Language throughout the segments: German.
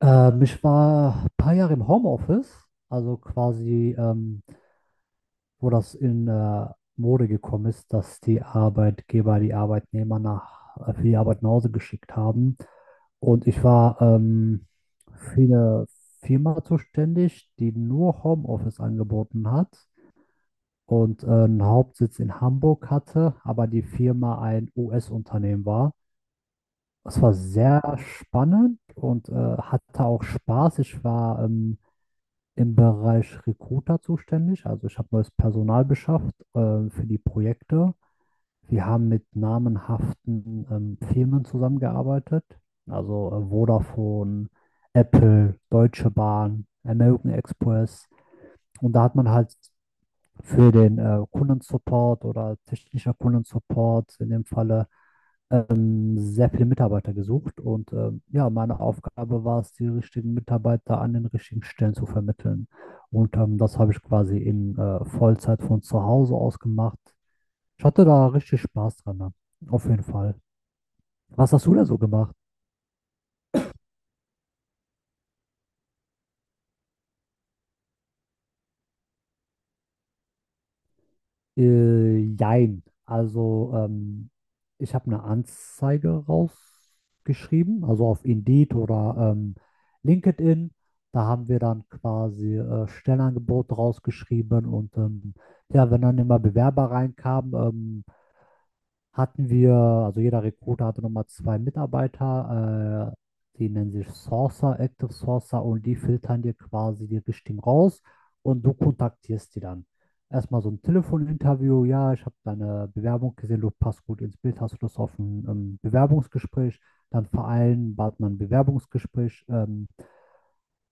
Ich war ein paar Jahre im Homeoffice, also quasi, wo das in Mode gekommen ist, dass die Arbeitgeber die Arbeitnehmer nach, für die Arbeit nach Hause geschickt haben. Und ich war für eine Firma zuständig, die nur Homeoffice angeboten hat und einen Hauptsitz in Hamburg hatte, aber die Firma ein US-Unternehmen war. Es war sehr spannend und hatte auch Spaß. Ich war im Bereich Recruiter zuständig. Also ich habe neues Personal beschafft, für die Projekte. Wir haben mit namenhaften Firmen zusammengearbeitet, also Vodafone, Apple, Deutsche Bahn, American Express. Und da hat man halt für den Kundensupport oder technischer Kundensupport in dem Falle sehr viele Mitarbeiter gesucht und ja, meine Aufgabe war es, die richtigen Mitarbeiter an den richtigen Stellen zu vermitteln. Und das habe ich quasi in Vollzeit von zu Hause aus gemacht. Ich hatte da richtig Spaß dran, ne? Auf jeden Fall. Was hast du da so gemacht? Jein. Also, ich habe eine Anzeige rausgeschrieben, also auf Indeed oder LinkedIn. Da haben wir dann quasi Stellenangebote rausgeschrieben und ja, wenn dann immer Bewerber reinkamen, hatten wir, also jeder Recruiter hatte nochmal zwei Mitarbeiter, die nennen sich Sourcer, Active Sourcer, und die filtern dir quasi die Richtigen raus und du kontaktierst die dann. Erstmal so ein Telefoninterview, ja, ich habe deine Bewerbung gesehen, du passt gut ins Bild, hast du Lust auf ein Bewerbungsgespräch? Dann vereinbart man ein Bewerbungsgespräch,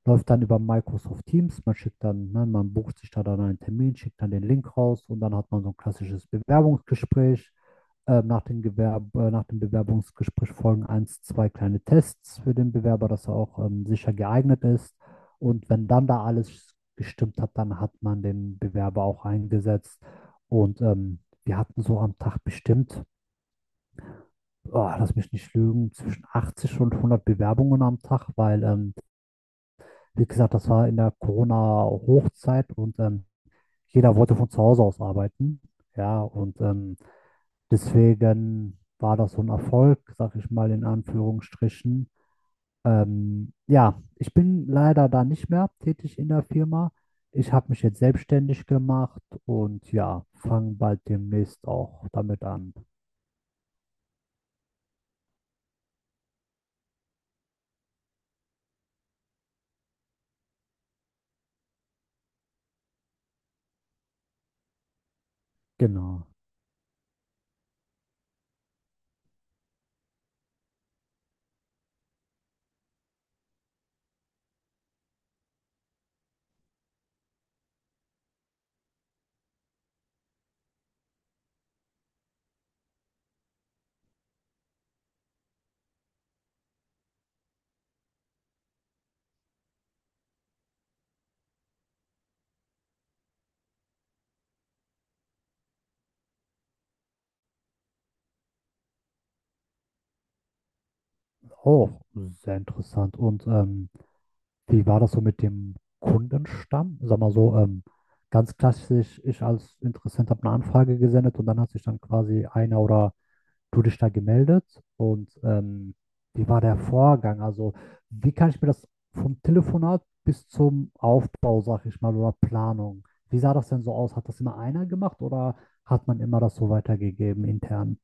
läuft dann über Microsoft Teams, man schickt dann, ne, man bucht sich da dann einen Termin, schickt dann den Link raus und dann hat man so ein klassisches Bewerbungsgespräch. Nach, den Gewerb Nach dem Bewerbungsgespräch folgen eins, zwei kleine Tests für den Bewerber, dass er auch sicher geeignet ist. Und wenn dann da alles gestimmt hat, dann hat man den Bewerber auch eingesetzt. Und wir hatten so am Tag bestimmt, oh, lass mich nicht lügen, zwischen 80 und 100 Bewerbungen am Tag, weil, wie gesagt, das war in der Corona-Hochzeit und jeder wollte von zu Hause aus arbeiten. Ja, und deswegen war das so ein Erfolg, sag ich mal in Anführungsstrichen. Ja, ich bin leider da nicht mehr tätig in der Firma. Ich habe mich jetzt selbstständig gemacht und ja, fange bald demnächst auch damit an. Genau. Oh, sehr interessant. Und wie war das so mit dem Kundenstamm? Sag mal so, ganz klassisch, ich als Interessent habe eine Anfrage gesendet und dann hat sich dann quasi einer oder du dich da gemeldet, und wie war der Vorgang? Also, wie kann ich mir das vom Telefonat bis zum Aufbau, sag ich mal, oder Planung, wie sah das denn so aus? Hat das immer einer gemacht oder hat man immer das so weitergegeben intern?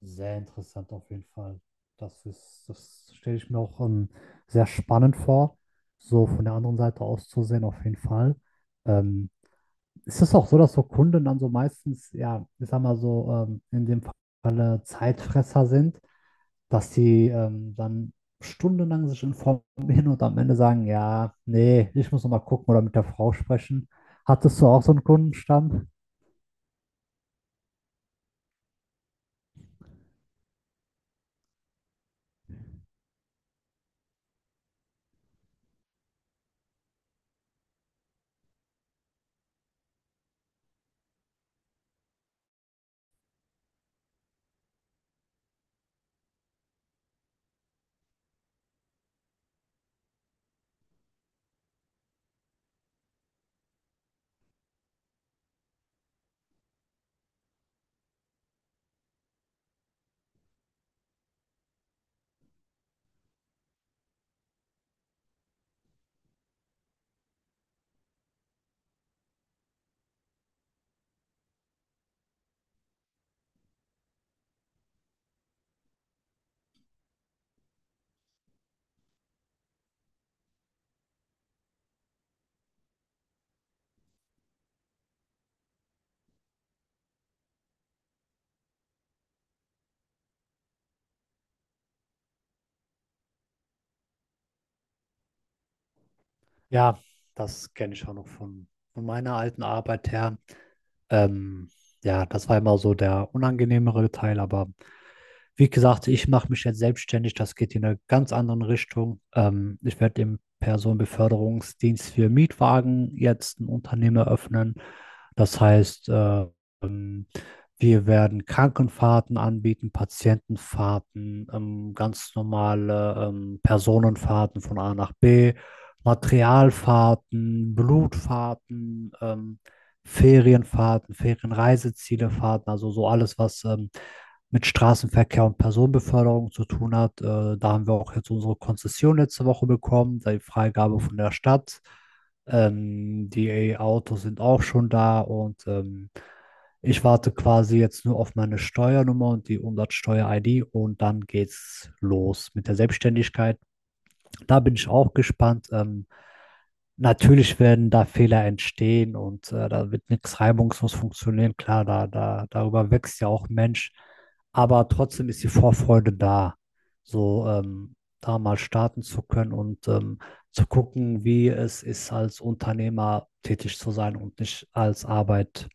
Sehr interessant auf jeden Fall. Das ist, das stelle ich mir auch sehr spannend vor, so von der anderen Seite aus zu sehen, auf jeden Fall. Ähm, Ist es auch so, dass so Kunden dann so meistens, ja, ich sag mal so, in dem Falle Zeitfresser sind, dass die dann stundenlang sich informieren und am Ende sagen, ja, nee, ich muss noch mal gucken oder mit der Frau sprechen. Hattest du auch so einen Kundenstamm? Ja, das kenne ich auch noch von meiner alten Arbeit her. Ähm, ja, das war immer so der unangenehmere Teil, aber wie gesagt, ich mache mich jetzt selbstständig. Das geht in eine ganz andere Richtung. Ich werde im Personenbeförderungsdienst für Mietwagen jetzt ein Unternehmen eröffnen. Das heißt, ähm, wir werden Krankenfahrten anbieten, Patientenfahrten, ganz normale Personenfahrten von A nach B, Materialfahrten, Blutfahrten, Ferienfahrten, Ferienreisezielefahrten, also so alles, was mit Straßenverkehr und Personenbeförderung zu tun hat. Da haben wir auch jetzt unsere Konzession letzte Woche bekommen, die Freigabe von der Stadt. Die autos sind auch schon da und ich warte quasi jetzt nur auf meine Steuernummer und die Umsatzsteuer-ID, und dann geht's los mit der Selbstständigkeit. Da bin ich auch gespannt. Natürlich werden da Fehler entstehen und da wird nichts reibungslos funktionieren. Klar, darüber wächst ja auch ein Mensch. Aber trotzdem ist die Vorfreude da, so da mal starten zu können und zu gucken, wie es ist, als Unternehmer tätig zu sein und nicht als Arbeitnehmer.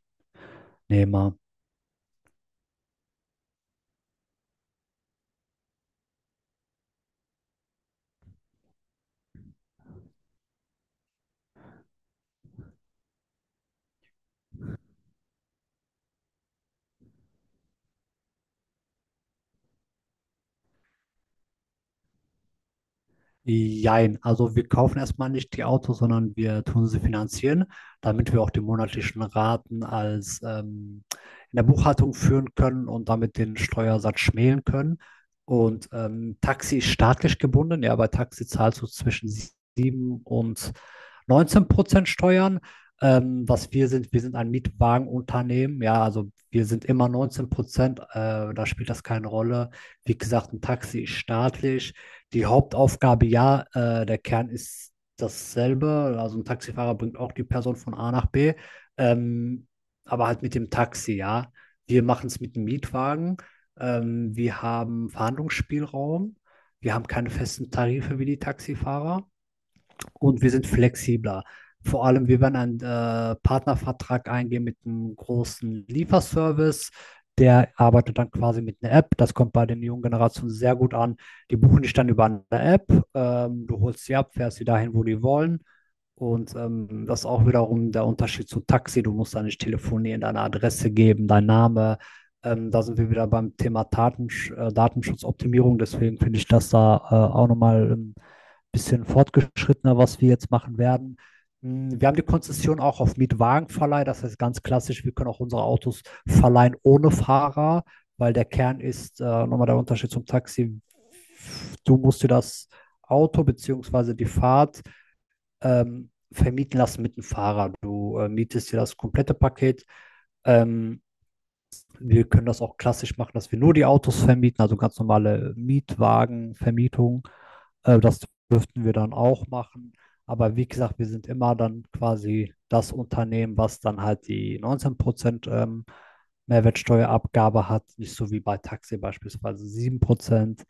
Jein, also wir kaufen erstmal nicht die Autos, sondern wir tun sie finanzieren, damit wir auch die monatlichen Raten als, in der Buchhaltung führen können und damit den Steuersatz schmälen können. Und Taxi ist staatlich gebunden, ja, bei Taxi zahlst du zwischen 7 und 19% Steuern. Was wir sind ein Mietwagenunternehmen, ja, also wir sind immer 19%, da spielt das keine Rolle. Wie gesagt, ein Taxi ist staatlich, die Hauptaufgabe, ja, der Kern ist dasselbe. Also ein Taxifahrer bringt auch die Person von A nach B, ähm, aber halt mit dem Taxi, ja. Wir machen es mit dem Mietwagen. Wir haben Verhandlungsspielraum. Wir haben keine festen Tarife wie die Taxifahrer und wir sind flexibler. Vor allem, wir werden einen Partnervertrag eingehen mit einem großen Lieferservice. Der arbeitet dann quasi mit einer App. Das kommt bei den jungen Generationen sehr gut an. Die buchen dich dann über eine App. Du holst sie ab, fährst sie dahin, wo die wollen. Und das ist auch wiederum der Unterschied zu Taxi. Du musst da nicht telefonieren, deine Adresse geben, dein Name. Da sind wir wieder beim Thema Datenschutzoptimierung. Deswegen finde ich das da auch nochmal bisschen fortgeschrittener, was wir jetzt machen werden. Wir haben die Konzession auch auf Mietwagenverleih, das heißt ganz klassisch, wir können auch unsere Autos verleihen ohne Fahrer, weil der Kern ist, nochmal der Unterschied zum Taxi, du musst dir das Auto bzw. die Fahrt vermieten lassen mit dem Fahrer. Du mietest dir das komplette Paket. Ähm, Wir können das auch klassisch machen, dass wir nur die Autos vermieten, also ganz normale Mietwagenvermietung. Das dürften wir dann auch machen. Aber wie gesagt, wir sind immer dann quasi das Unternehmen, was dann halt die 19% Mehrwertsteuerabgabe hat, nicht so wie bei Taxi beispielsweise 7%.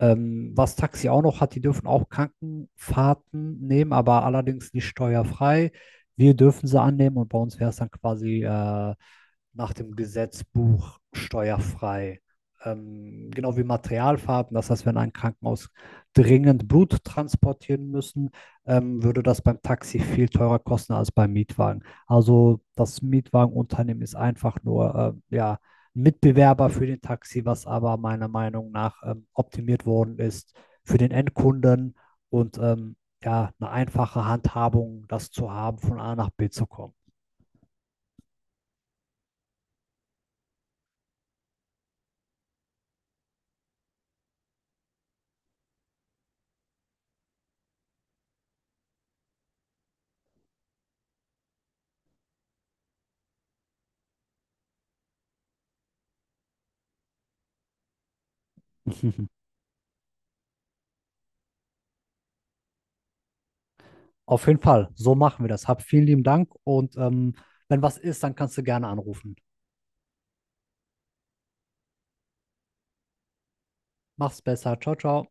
Was Taxi auch noch hat, die dürfen auch Krankenfahrten nehmen, aber allerdings nicht steuerfrei. Wir dürfen sie annehmen und bei uns wäre es dann quasi nach dem Gesetzbuch steuerfrei. Genau wie Materialfarben. Das heißt, wenn ein Krankenhaus dringend Blut transportieren müssen, würde das beim Taxi viel teurer kosten als beim Mietwagen. Also das Mietwagenunternehmen ist einfach nur ja, Mitbewerber für den Taxi, was aber meiner Meinung nach optimiert worden ist für den Endkunden und ja, eine einfache Handhabung, das zu haben, von A nach B zu kommen. Auf jeden Fall, so machen wir das. Hab vielen lieben Dank und wenn was ist, dann kannst du gerne anrufen. Mach's besser. Ciao, ciao.